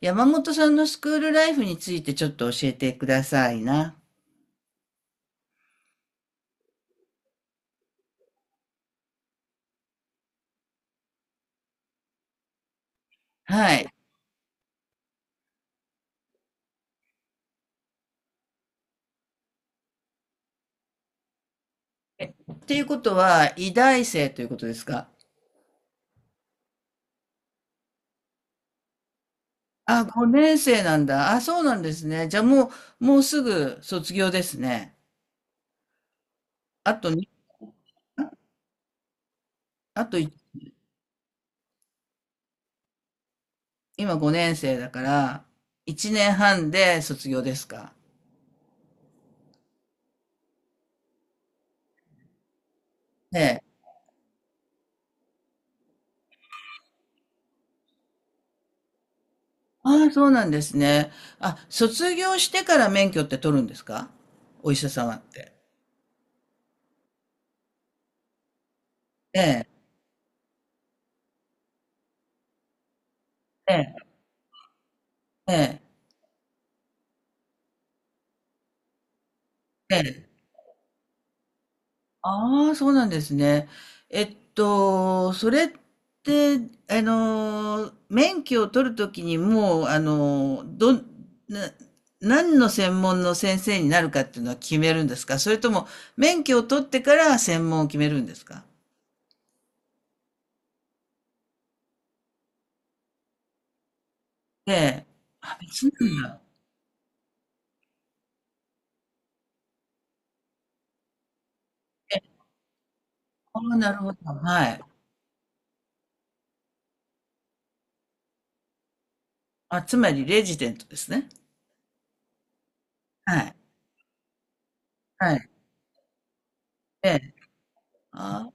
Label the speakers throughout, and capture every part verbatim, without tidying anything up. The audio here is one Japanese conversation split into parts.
Speaker 1: 山本さんのスクールライフについてちょっと教えてくださいな。はい。っていうことは、医大生ということですか？あ、ごねん生なんだ。あ、そうなんですね。じゃあもう、もうすぐ卒業ですね。あとに、あとい、今ごねん生だから、いちねんはんで卒業ですか。ええ。ああ、そうなんですね。あ、卒業してから免許って取るんですか、お医者様って。ええ、ええ、ええ、ええ。ああ、そうなんですね。えっと、それって、あの、免許を取るときにもう、あの、どん、な、何の専門の先生になるかっていうのは決めるんですか、それとも、免許を取ってから専門を決めるんですか？ええ。あ、別なんだ。え、ああ、なるほど。はい。あ、つまり、レジデントですね。はい。はい。ええ。ああ、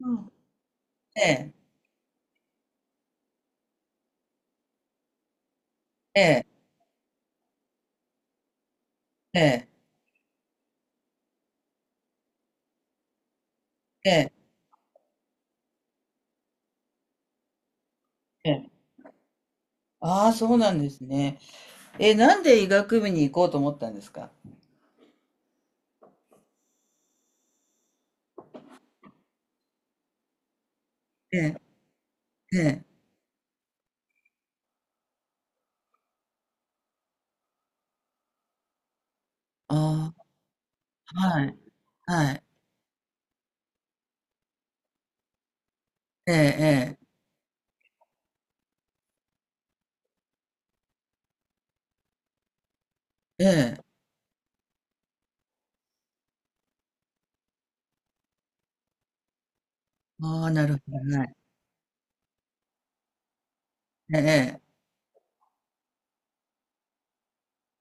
Speaker 1: うん、ええ。ええ。ええ。ええ。ええ。ああ、そうなんですね。え、なんで医学部に行こうと思ったんですか？ええ、ええ。ああ、はい。はい。ええええ。ええ。ああ、なるほど、はい。ええええ。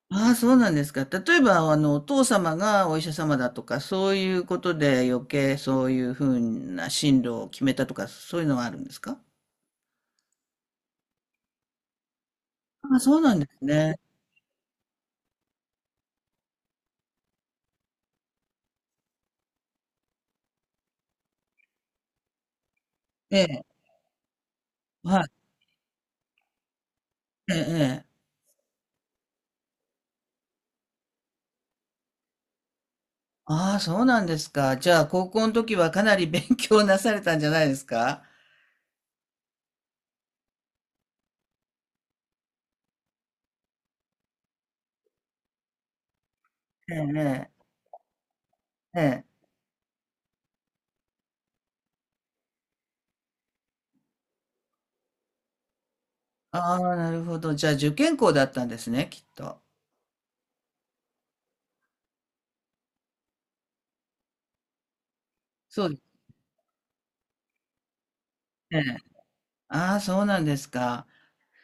Speaker 1: ああ、そうなんですか。例えば、あの、お父様がお医者様だとか、そういうことで余計そういう風な進路を決めたとか、そういうのはあるんですか？ああ、そうなんですね。ええ、はい。ええええ。ああ、そうなんですか。じゃあ、高校の時はかなり勉強なされたんじゃないですか？ええええ。ええ。ああ、なるほど。じゃあ、受験校だったんですね、きっと。そうですね。ああ、そうなんですか。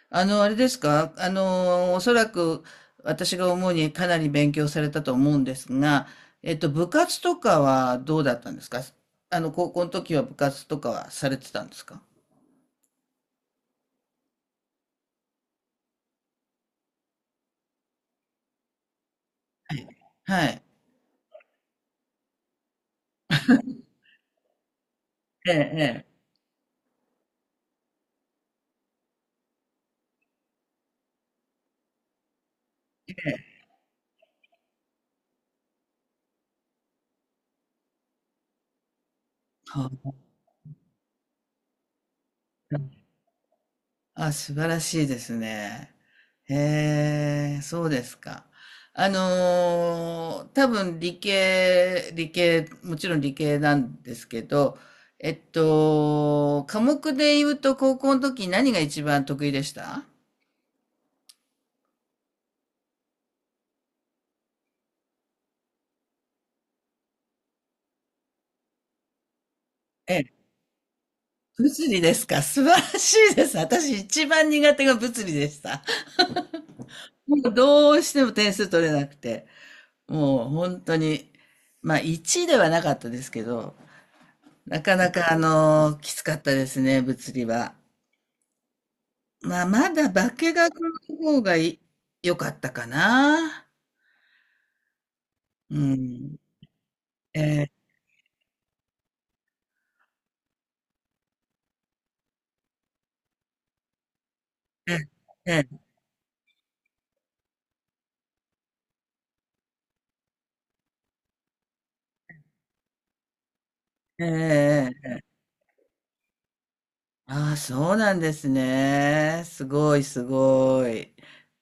Speaker 1: あの、あれですか。あの、おそらく私が思うにかなり勉強されたと思うんですが、えっと、部活とかはどうだったんですか？あの、高校の時は部活とかはされてたんですか？はい。はい。ええ、ええ。ええ。はあ、素晴らしいですね。へえ、そうですか。あのー多分理系、理系、もちろん理系なんですけど、えっと、科目で言うと高校の時何が一番得意でした？ええ、物理ですか。素晴らしいです。私一番苦手が物理でした。もうどうしても点数取れなくて、もう本当に、まあいちではなかったですけど、なかなか、あの、きつかったですね、物理は。まあ、まだ化学の方がい良かったかな。うん。ええ、ええ、ええ、ええええええええええ。ああ、そうなんですね。すごい、すごい。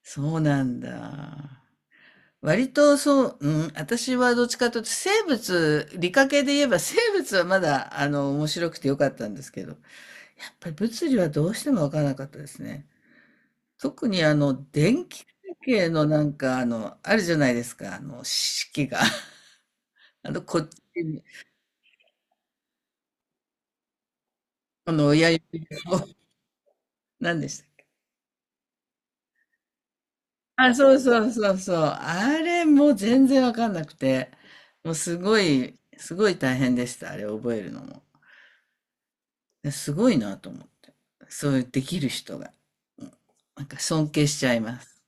Speaker 1: そうなんだ。割とそう、うん、私はどっちかというと生物、理科系で言えば生物はまだ、あの、面白くて良かったんですけど、やっぱり物理はどうしても分からなかったですね。特にあの、電気関係のなんかあの、あるじゃないですか、あの、式が。あの、こっちに、あの、親指を、何でしたっけ。あ、そうそうそうそう。あれもう全然わかんなくて、もうすごい、すごい大変でした、あれ覚えるのも。ですごいなと思って。そういうできる人が。うん、なんか尊敬しちゃいます。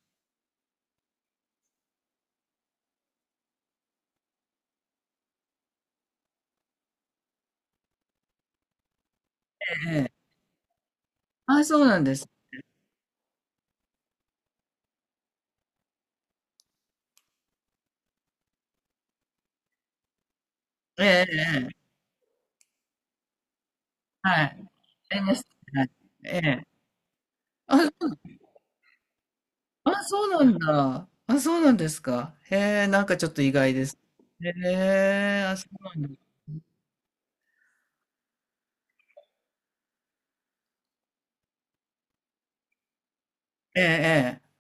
Speaker 1: ええ。あ、そうなんです。ええ、ええ、はい。ええ、はい。ええ。あ、あ、そうなんだ。あ、そうなんですか。へえ、なんかちょっと意外です。へえ、あ、そうなんだ。ええ、ええ。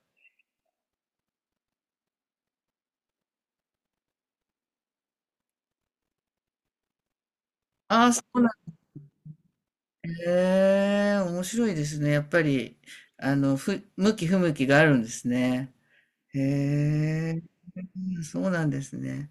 Speaker 1: あ、そうなんだ。へえ、面白いですね。やっぱり、あの、ふ、向き不向きがあるんですね。へえ、そうなんですね。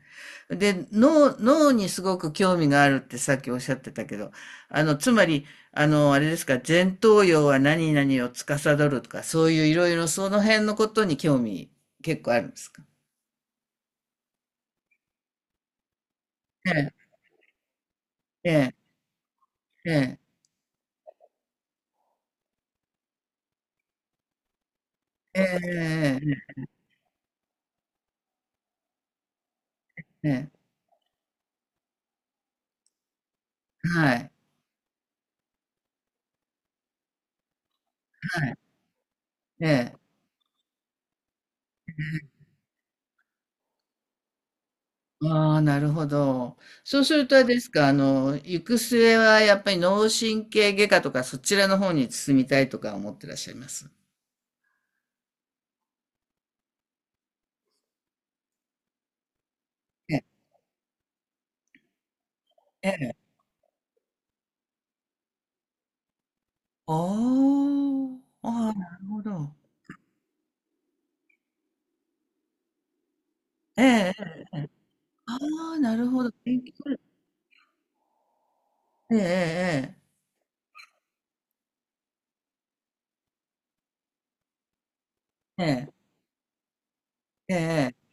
Speaker 1: で、脳、脳にすごく興味があるってさっきおっしゃってたけど、あの、つまり、あの、あれですか、前頭葉は何々を司るとか、そういういろいろその辺のことに興味結構あるんですか？ええ、ええ、ええ、ええええええええ、はい、はい、ええ。ああ、なるほど。そうするとあれですか、あの、行く末はやっぱり脳神経外科とかそちらの方に進みたいとか思ってらっしゃいます？ええ、ええ。おー、ああ、なるほど。ええ、ええ。ああ、なるほど。勉強。ええ、ええ、ええ、ええ。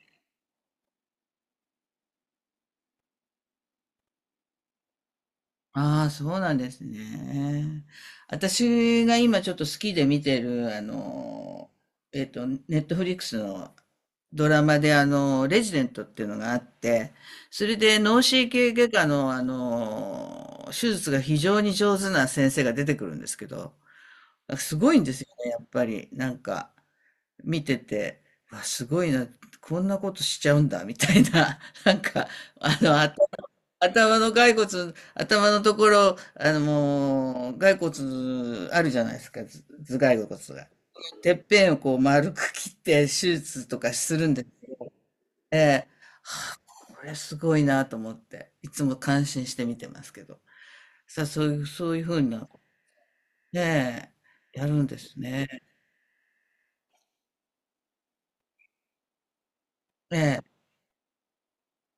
Speaker 1: ああ、そうなんですね。私が今ちょっと好きで見てる、あの、えっと、ネットフリックスのドラマで、あの、レジデントっていうのがあって、それで脳神経外科の、あの、手術が非常に上手な先生が出てくるんですけど、すごいんですよね、やっぱり。なんか、見てて、わ、すごいな、こんなことしちゃうんだ、みたいな、なんか、あの、頭頭の骸骨、頭のところ、あのもう、骸骨あるじゃないですか、ず頭蓋骨が。てっぺんをこう丸く切って手術とかするんですよ。ええ、これすごいなと思って、いつも感心して見てますけど。さあ、そういう、そういうふうな、ねえ、やるんですね。ええ、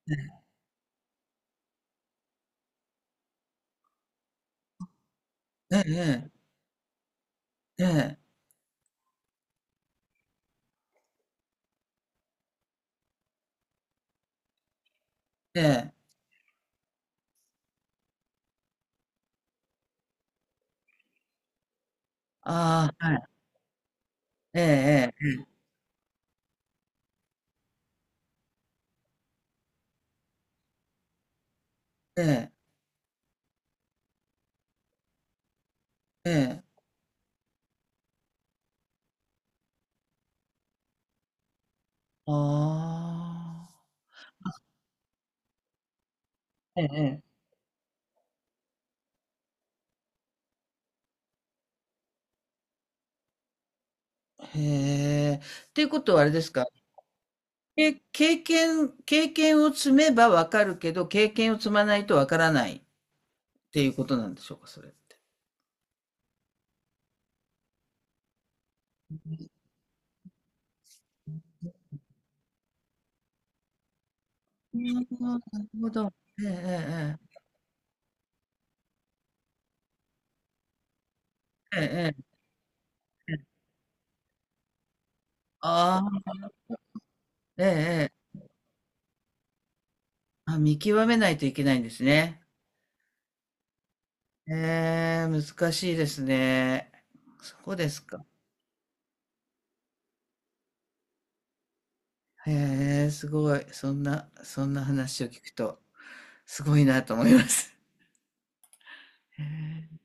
Speaker 1: ええ、ええ、ええ、ねえ、ねえ、ああ、はい、ええ、ええ、ええ、ええ、ああ、ええ、ええ。へえ。っていうことはあれですか、え経験経験を積めばわかるけど、経験を積まないとわからないっていうことなんでしょうか、それって。ああ、なるほど。ええええええ。ええええ。ああ、ええええ。あ、見極めないといけないんですね。へえ、難しいですね。そうですか。へえ、すごい。そんなそんな話を聞くと、すごいなと思います。へえ。